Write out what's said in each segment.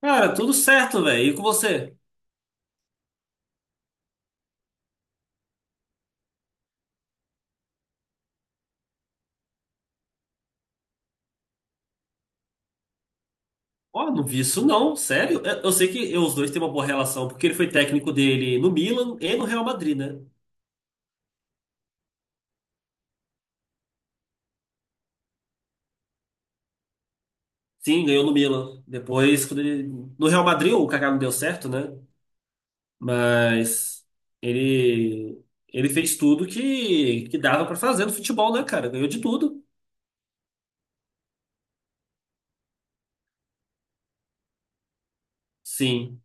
Cara, tudo certo, velho. E com você? Ó, não vi isso não, sério. Eu sei que os dois têm uma boa relação, porque ele foi técnico dele no Milan e no Real Madrid, né? Sim, ganhou no Milan. Depois, quando ele... No Real Madrid o Kaká não deu certo, né? Mas ele ele fez tudo que dava pra fazer no futebol, né, cara? Ganhou de tudo. Sim,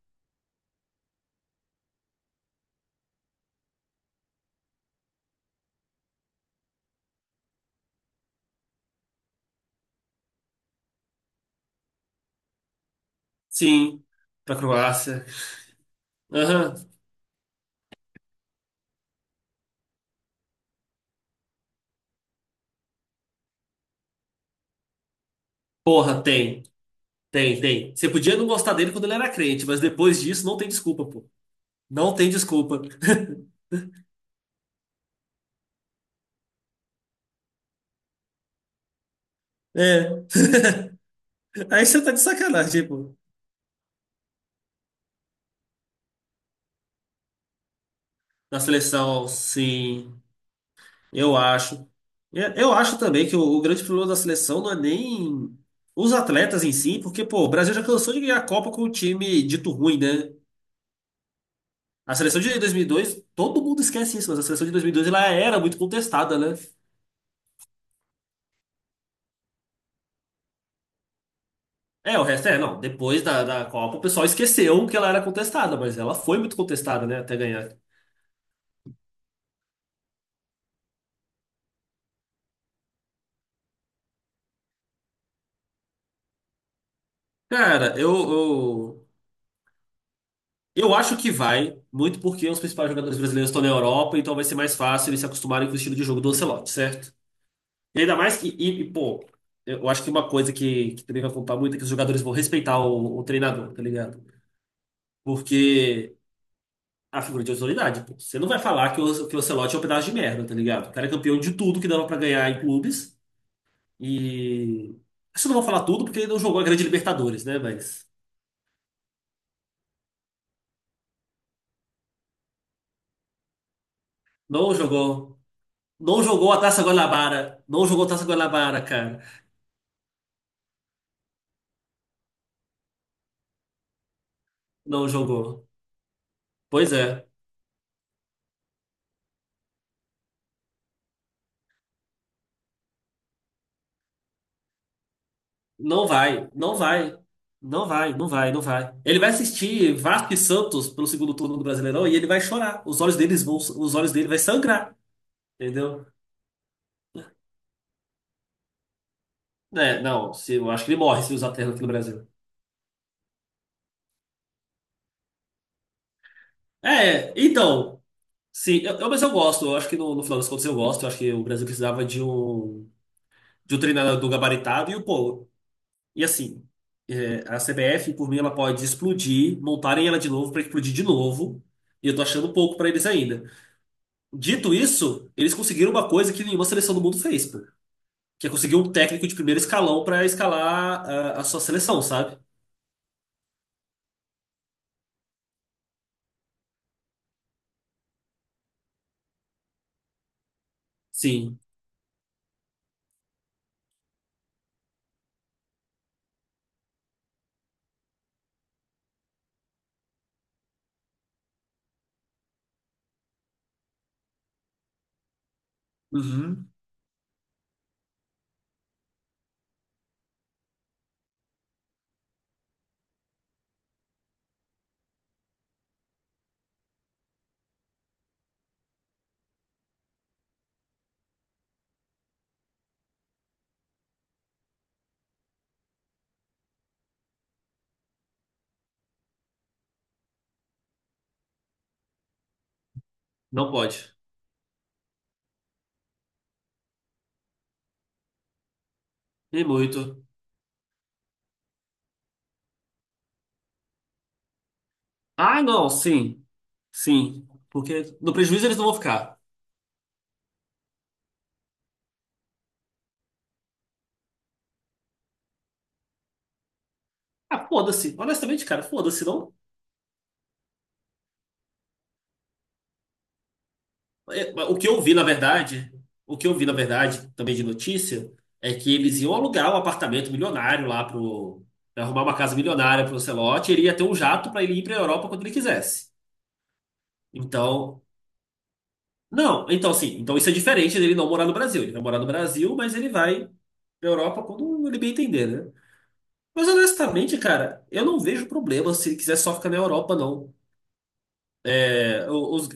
sim. Pra Croácia. Aham. Porra, tem. Tem, tem. Você podia não gostar dele quando ele era crente, mas depois disso não tem desculpa, pô. Não tem desculpa. É, aí você tá de sacanagem, tipo, na seleção, sim, eu acho. É, eu acho também que o grande problema da seleção não é nem os atletas em si, porque, pô, o Brasil já cansou de ganhar a Copa com um time dito ruim, né? A seleção de 2002, todo mundo esquece isso, mas a seleção de 2002 ela era muito contestada, né? É, o resto é, não, depois da, da Copa o pessoal esqueceu que ela era contestada, mas ela foi muito contestada, né, até ganhar. Cara, eu acho que vai, muito porque os principais jogadores brasileiros estão na Europa, então vai ser mais fácil eles se acostumarem com o estilo de jogo do Ancelotti, certo? E ainda mais que, pô, eu acho que uma coisa que também vai contar muito é que os jogadores vão respeitar o treinador, tá ligado? Porque a figura de autoridade, pô, você não vai falar que o Ancelotti é um pedaço de merda, tá ligado? O cara é campeão de tudo que dava pra ganhar em clubes e. Acho que eu não vou falar tudo porque ele não jogou a Grande Libertadores, né? Mas. Não jogou. Não jogou a Taça Guanabara. Não jogou a Taça Guanabara, cara. Não jogou. Pois é. Não vai, não vai. Não vai, não vai, não vai. Ele vai assistir Vasco e Santos pelo segundo turno do Brasileirão e ele vai chorar. Os olhos deles vão, os olhos dele vai sangrar, entendeu? É, não, se, eu acho que ele morre se usar terno aqui no Brasil. É, então, sim, mas eu gosto. Eu acho que no final das contas eu gosto. Eu acho que o Brasil precisava de um treinador gabaritado e o pô, e assim, é, a CBF, por mim, ela pode explodir, montarem ela de novo para explodir de novo. E eu tô achando pouco para eles ainda. Dito isso, eles conseguiram uma coisa que nenhuma seleção do mundo fez, pô. Que é conseguir um técnico de primeiro escalão para escalar a sua seleção, sabe? Sim. Uhum. Não pode. E muito. Ah, não, sim. Sim. Porque no prejuízo eles não vão ficar. Ah, foda-se. Honestamente, cara, foda-se. Não, é, o que eu vi, na verdade, também de notícia, é que eles iam alugar um apartamento milionário lá pro, pra arrumar uma casa milionária pro Ancelotti, e ele ia ter um jato para ele ir pra Europa quando ele quisesse. Então, não, então assim, então isso é diferente dele não morar no Brasil. Ele vai morar no Brasil, mas ele vai pra Europa quando ele bem entender, né? Mas honestamente, cara, eu não vejo problema se ele quiser só ficar na Europa, não. O- Os,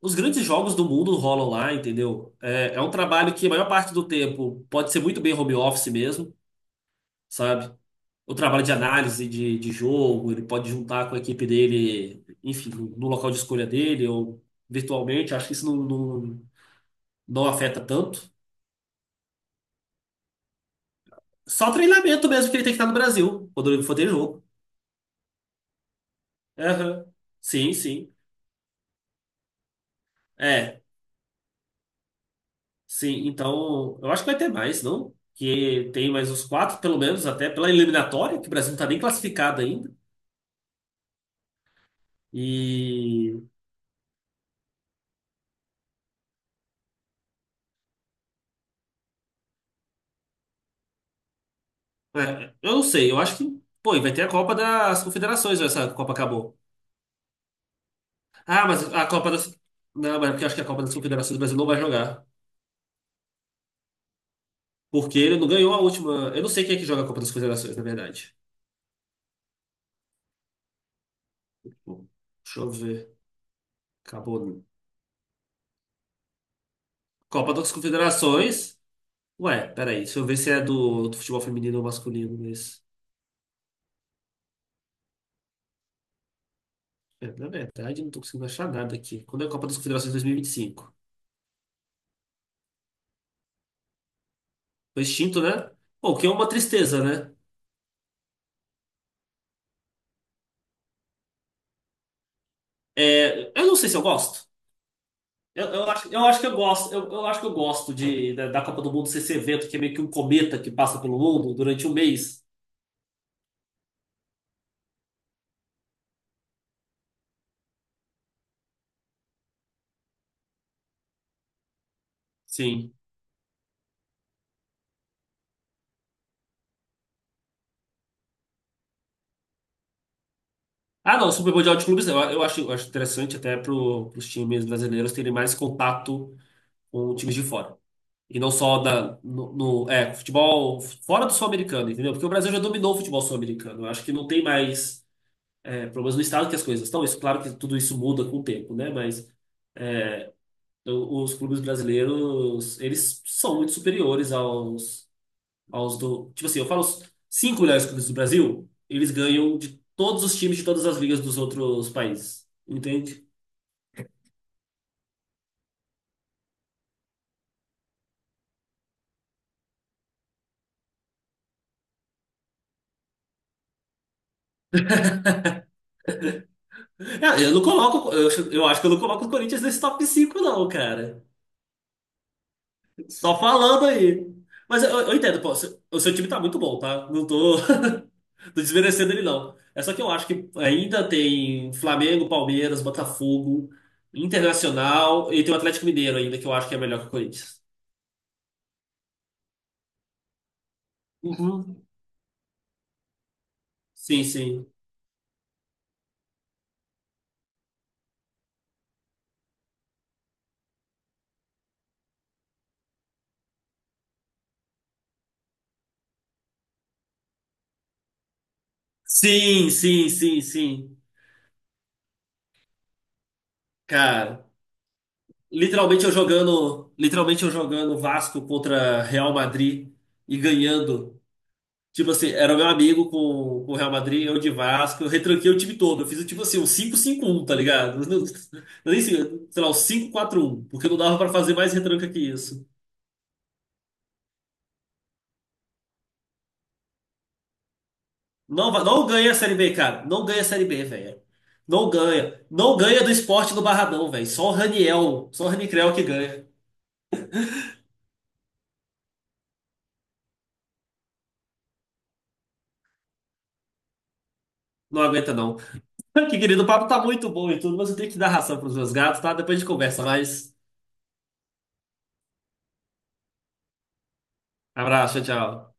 os grandes jogos do mundo rolam lá, entendeu? É, é um trabalho que a maior parte do tempo pode ser muito bem home office mesmo, sabe? O trabalho de análise de jogo, ele pode juntar com a equipe dele, enfim, no local de escolha dele ou virtualmente. Acho que não afeta tanto. Só treinamento mesmo que ele tem que estar no Brasil, quando ele for ter jogo. Aham. Sim, sim. É. Sim, então eu acho que vai ter mais, não? Que tem mais uns quatro, pelo menos, até pela eliminatória, que o Brasil não tá nem classificado ainda. E é, eu não sei, eu acho que, pô, e vai ter a Copa das Confederações, ou essa Copa acabou. Ah, mas a Copa das. Não, mas é porque eu acho que a Copa das Confederações o Brasil não vai jogar. Porque ele não ganhou a última. Eu não sei quem é que joga a Copa das Confederações, na verdade. Bom, deixa eu ver. Acabou. Copa das Confederações. Ué, peraí, deixa eu ver se é do futebol feminino ou masculino, mas. É, na verdade, não tô conseguindo achar nada aqui. Quando é a Copa das Confederações 2025? Foi extinto, né? Pô, o que é uma tristeza, né? É, eu não sei se eu gosto. Eu acho, eu acho que eu gosto. Eu acho que eu gosto da Copa do Mundo ser esse evento que é meio que um cometa que passa pelo mundo durante um mês. Sim. Ah, não, o Super Mundial de Clubes, eu acho, eu acho interessante até para os times brasileiros terem mais contato com times de fora. E não só da, no, no- é, futebol fora do sul-americano, entendeu? Porque o Brasil já dominou o futebol sul-americano. Eu acho que não tem mais é, problemas do estado que as coisas estão. Isso, claro que tudo isso muda com o tempo, né? Mas os clubes brasileiros, eles são muito superiores aos, aos do. Tipo assim, eu falo os cinco melhores clubes do Brasil, eles ganham de todos os times de todas as ligas dos outros países. Entende? É, eu não coloco. Eu acho que eu não coloco o Corinthians nesse top 5 não, cara. Só falando aí. Mas eu entendo, pô, o seu time tá muito bom, tá? Não tô, tô desmerecendo ele, não. É só que eu acho que ainda tem Flamengo, Palmeiras, Botafogo, Internacional e tem o Atlético Mineiro ainda, que eu acho que é melhor que o Corinthians. Uhum. Sim, sim. Sim, sim, sim, sim. Cara, literalmente eu jogando Vasco contra Real Madrid e ganhando. Tipo assim, era meu amigo com o Real Madrid, eu de Vasco, eu retranquei o time todo. Eu fiz tipo assim, um 5-5-1 tá ligado? Nem sei, sei lá, um 5-4-1 porque não dava pra fazer mais retranca que isso. Não ganha a Série B, cara. Não ganha a Série B, velho. Não ganha. Não ganha do esporte do Barradão, velho. Só o Raniel que ganha. Não aguenta, não. Que querido, o papo tá muito bom e tudo, mas eu tenho que dar ração pros meus gatos, tá? Depois a gente conversa mais. Abraço, tchau.